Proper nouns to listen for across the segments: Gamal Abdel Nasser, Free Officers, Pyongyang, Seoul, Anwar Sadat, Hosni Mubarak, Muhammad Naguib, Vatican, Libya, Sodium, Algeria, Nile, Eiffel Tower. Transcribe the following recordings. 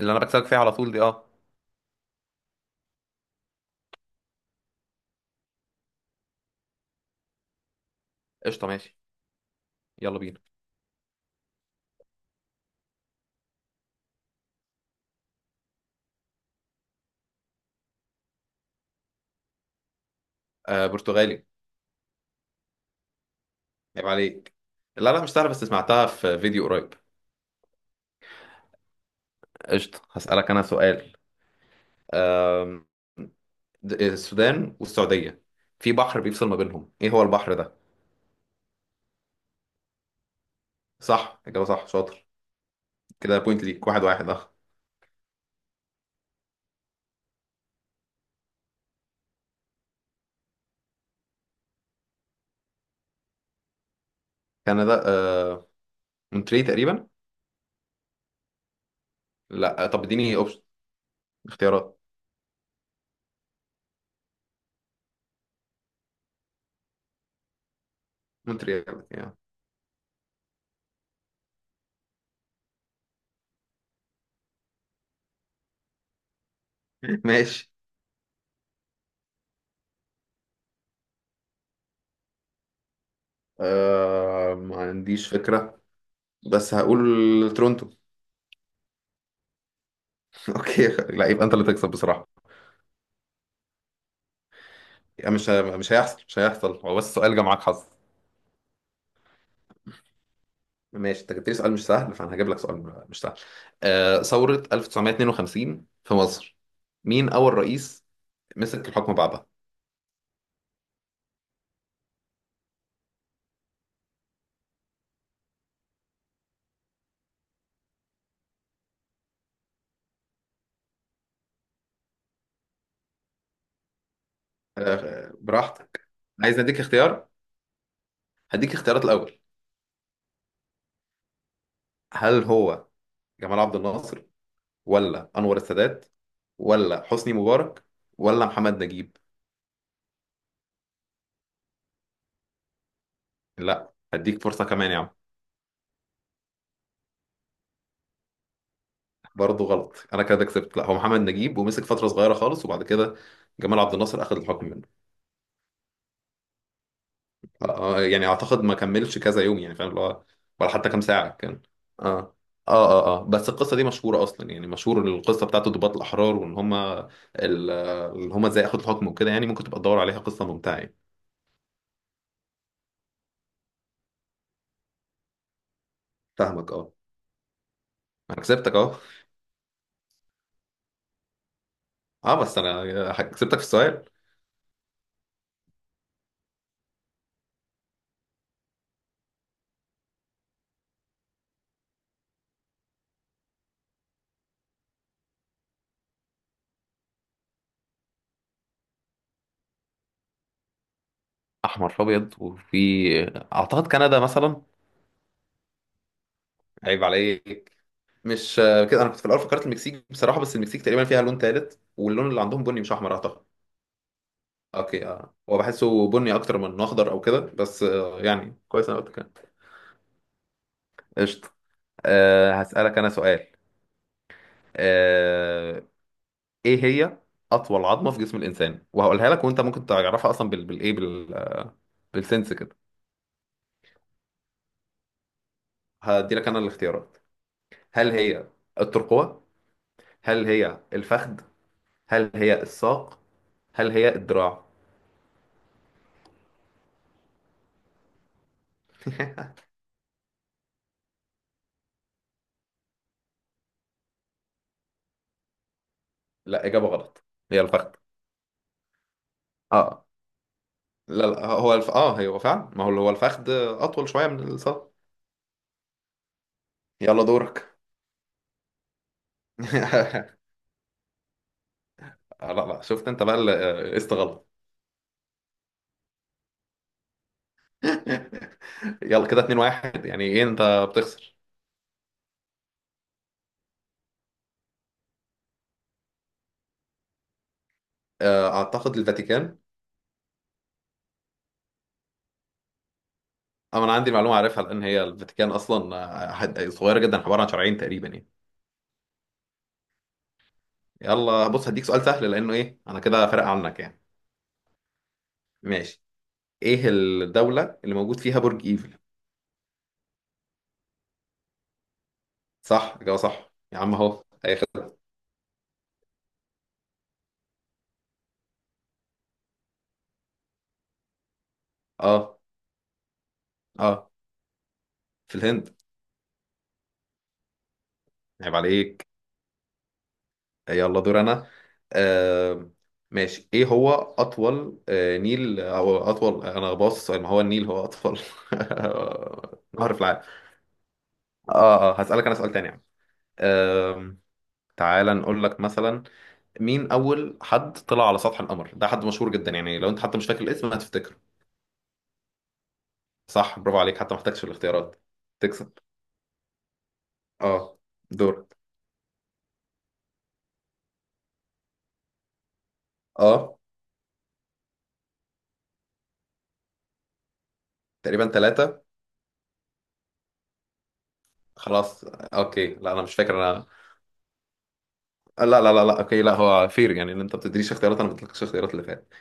اللي انا بكسبك فيها على طول دي قشطه، ماشي. يلا بينا. برتغالي. عيب عليك. لا لا، مش سهله، بس سمعتها في فيديو قريب. قشطه، هسألك انا سؤال. أم، السودان والسعوديه، في بحر بيفصل ما بينهم، ايه هو البحر ده؟ صح، اجابه صح، شاطر. كده بوينت ليك، واحد واحد كندا مونتري تقريبا. لا طب اديني اوبشن، اختيارات. مونتري يعني. ماشي. ما عنديش فكره، بس هقول تورونتو. اوكي، لا يبقى انت اللي تكسب بصراحه. يعني مش هيحصل، مش هيحصل، هو بس سؤال جه معاك حظ. ماشي، انت جبت لي سؤال مش سهل، فانا هجيب لك سؤال مش سهل. ثورة 1952 في مصر، مين أول رئيس مسك الحكم بعدها؟ براحتك. عايز اديك اختيار، هديك اختيارات الأول. هل هو جمال عبد الناصر، ولا أنور السادات، ولا حسني مبارك، ولا محمد نجيب؟ لا، هديك فرصة كمان يا عم. برضه غلط، انا كده كسبت. لا، هو محمد نجيب، ومسك فترة صغيرة خالص، وبعد كده جمال عبد الناصر أخذ الحكم منه. يعني اعتقد ما كملش كذا يوم، يعني فاهم اللي هو، ولا حتى كام ساعه كان. اه اه اه بس القصه دي مشهوره اصلا، يعني مشهور القصه بتاعته ضباط الاحرار، اللي هم ازاي اخد الحكم وكده، يعني ممكن تبقى تدور عليها، قصه ممتعه يعني. فاهمك انا كسبتك اهو. اه بس انا كسبتك في السؤال. احمر في ابيض وفي، اعتقد كندا مثلا. عيب عليك. مش كده، انا كنت في الاول فكرت المكسيك بصراحه، بس المكسيك تقريبا فيها لون ثالث، واللون اللي عندهم بني مش احمر اعتقد. اوكي هو بحسه بني اكتر من إنه اخضر او كده، بس يعني كويس انا قلت كده. قشطه. هسألك انا سؤال. أه ايه هي اطول عظمه في جسم الانسان؟ وهقولها لك، وانت ممكن تعرفها اصلا بال بالايه بال بالسنس كده. هدي لك انا الاختيارات. هل هي الترقوه، هل هي الفخذ، هل هي الساق، هل هي الدراع؟ لا، اجابه غلط، هي الفخذ. اه لا لا، هو الف... اه هو فعلا، ما هو هو الفخذ اطول شويه من الساق. يلا دورك. لا لا، شفت انت بقى قست غلط. يلا كده 2 1، يعني ايه انت بتخسر. اعتقد الفاتيكان. اما انا عندي معلومه عارفها، لان هي الفاتيكان اصلا صغيره جدا، عباره عن شرعين تقريبا يعني. يلا بص، هديك سؤال سهل، لانه ايه، انا كده فارق عنك يعني. ماشي، ايه الدوله اللي موجود فيها برج ايفل؟ صح، اجابه صح يا عم، اهو هياخد. اه اه في الهند. عيب عليك. يلا دور انا. آه ماشي، ايه هو اطول نيل، او اطول، انا باصص، ما هو النيل هو اطول نهر في العالم. اه هسألك انا سؤال تاني يعني. آه تعالى نقول لك مثلا، مين اول حد طلع على سطح القمر؟ ده حد مشهور جدا يعني، لو انت حتى مش فاكر الاسم هتفتكره. صح، برافو عليك، حتى ما احتاجش الاختيارات. تكسب اه دور. اه تقريبا ثلاثة. خلاص اوكي، لا انا مش فاكر. لا لا لا لا، اوكي، لا هو فير يعني، ان انت ما بتدينيش اختيارات، انا ما بديتلكش اختيارات اللي فات.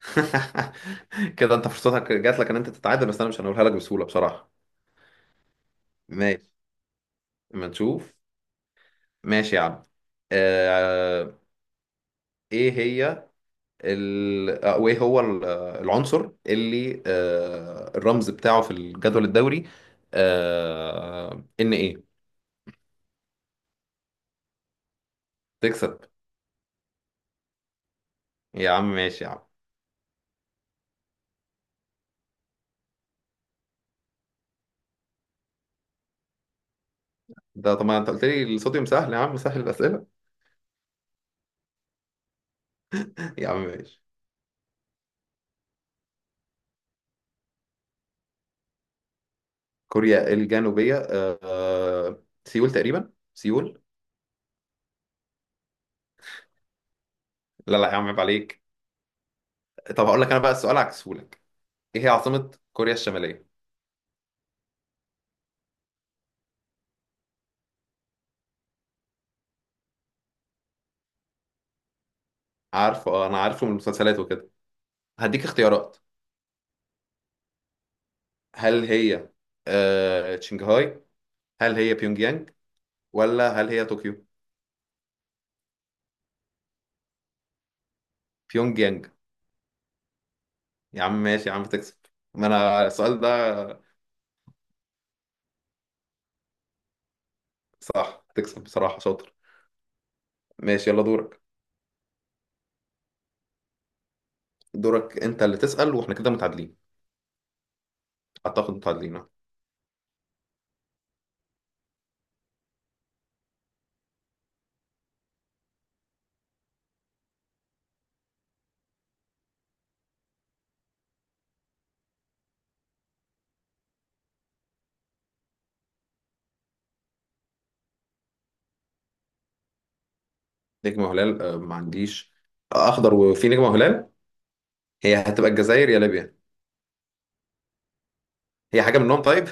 كده انت فرصتك جات لك ان انت تتعادل، بس انا مش هنقولها لك بسهوله بصراحه. ماشي، ما نشوف. ماشي يا عم. آه... ايه هي ال... آه، وايه هو العنصر اللي الرمز بتاعه في الجدول الدوري ان ايه؟ تكسب يا عم، ماشي يا عم. ده طبعا، انت قلت لي الصوديوم سهل، يا عم سهل الاسئله. يا عم ماشي. كوريا الجنوبية، سيول تقريبا، سيول. لا لا يا عم، عيب عليك. طب هقول لك انا بقى السؤال، عكسهولك، ايه هي عاصمة كوريا الشمالية؟ عارفه انا عارفه من المسلسلات وكده. هديك اختيارات. هل هي شنغهاي، هل هي بيونج يانج، ولا هل هي طوكيو؟ بيونج يانج. يا عم ماشي يا عم، تكسب. ما انا السؤال ده. صح، تكسب بصراحة، شاطر. ماشي يلا دورك. دورك انت اللي تسأل، واحنا كده متعادلين. اعتقد متعادلين نجمة وهلال ما عنديش. اخضر وفي نجمة وهلال، هي هتبقى الجزائر يا ليبيا. هي حاجة منهم طيب.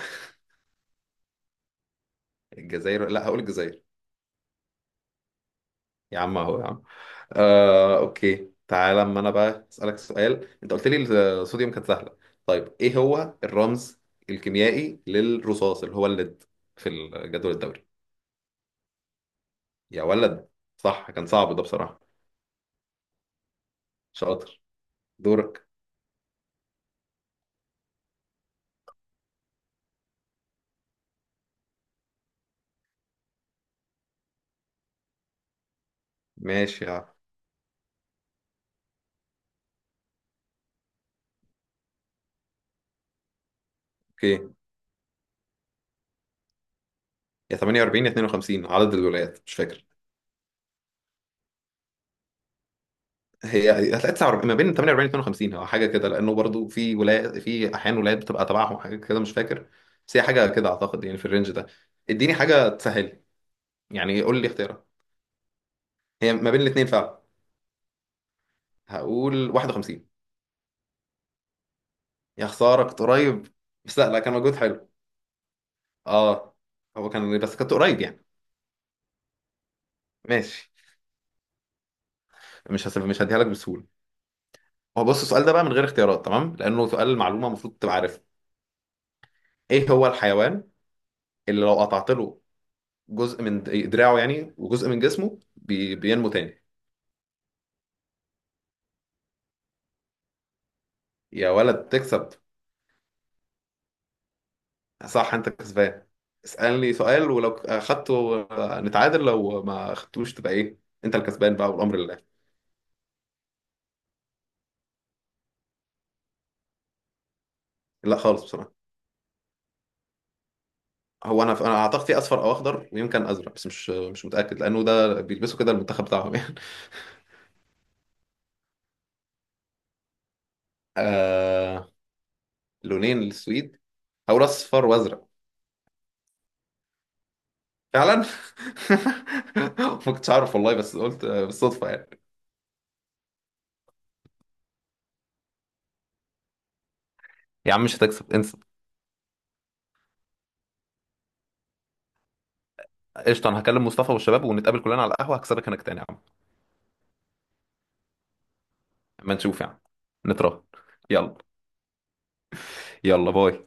الجزائر، لا هقول الجزائر. يا عم اهو يا عم. اوكي، تعالى اما انا بقى اسالك سؤال، انت قلت لي الصوديوم كانت سهلة، طيب ايه هو الرمز الكيميائي للرصاص، اللي هو الليد، في الجدول الدوري؟ يا ولد، صح، كان صعب ده بصراحة. شاطر. دورك. ماشي يا عم. اوكي، يا 48 يا 52، عدد الولايات مش فاكر. هي هتلاقي 49 ما بين 48 52، هو حاجه كده، لانه برضو في ولايات، في احيان ولايات بتبقى تبعهم حاجه كده مش فاكر، بس هي حاجه كده اعتقد، يعني في الرينج ده. اديني حاجه تسهل، يعني قول لي اختيارها، هي ما بين الاثنين فعلا. هقول 51. يا خساره، كنت قريب. بس لا لا، كان مجهود حلو. اه هو كان، بس كنت قريب يعني. ماشي، مش هديها لك بسهوله. هو بص السؤال ده بقى من غير اختيارات، تمام، لانه سؤال معلومه المفروض تبقى عارفها. ايه هو الحيوان اللي لو قطعت له جزء من دراعه يعني، وجزء من جسمه، بينمو تاني؟ يا ولد تكسب. صح، انت كسبان. اسألني سؤال، ولو اخدته نتعادل، لو ما اخدتوش تبقى ايه، انت الكسبان بقى والامر لله. لا خالص بصراحة. هو انا اعتقد في اصفر او اخضر، ويمكن ازرق، بس مش متاكد، لانه ده بيلبسوا كده المنتخب بتاعهم يعني. آه... لونين للسويد، هقول اصفر وازرق. فعلا. ما كنتش عارف والله، بس قلت بالصدفة يعني. يا عم مش هتكسب، انسى. قشطة، أنا هكلم مصطفى والشباب، ونتقابل كلنا على القهوة، هكسبك هناك تاني يا عم. ما نشوف يعني، نتراهن. يلا. يلا باي.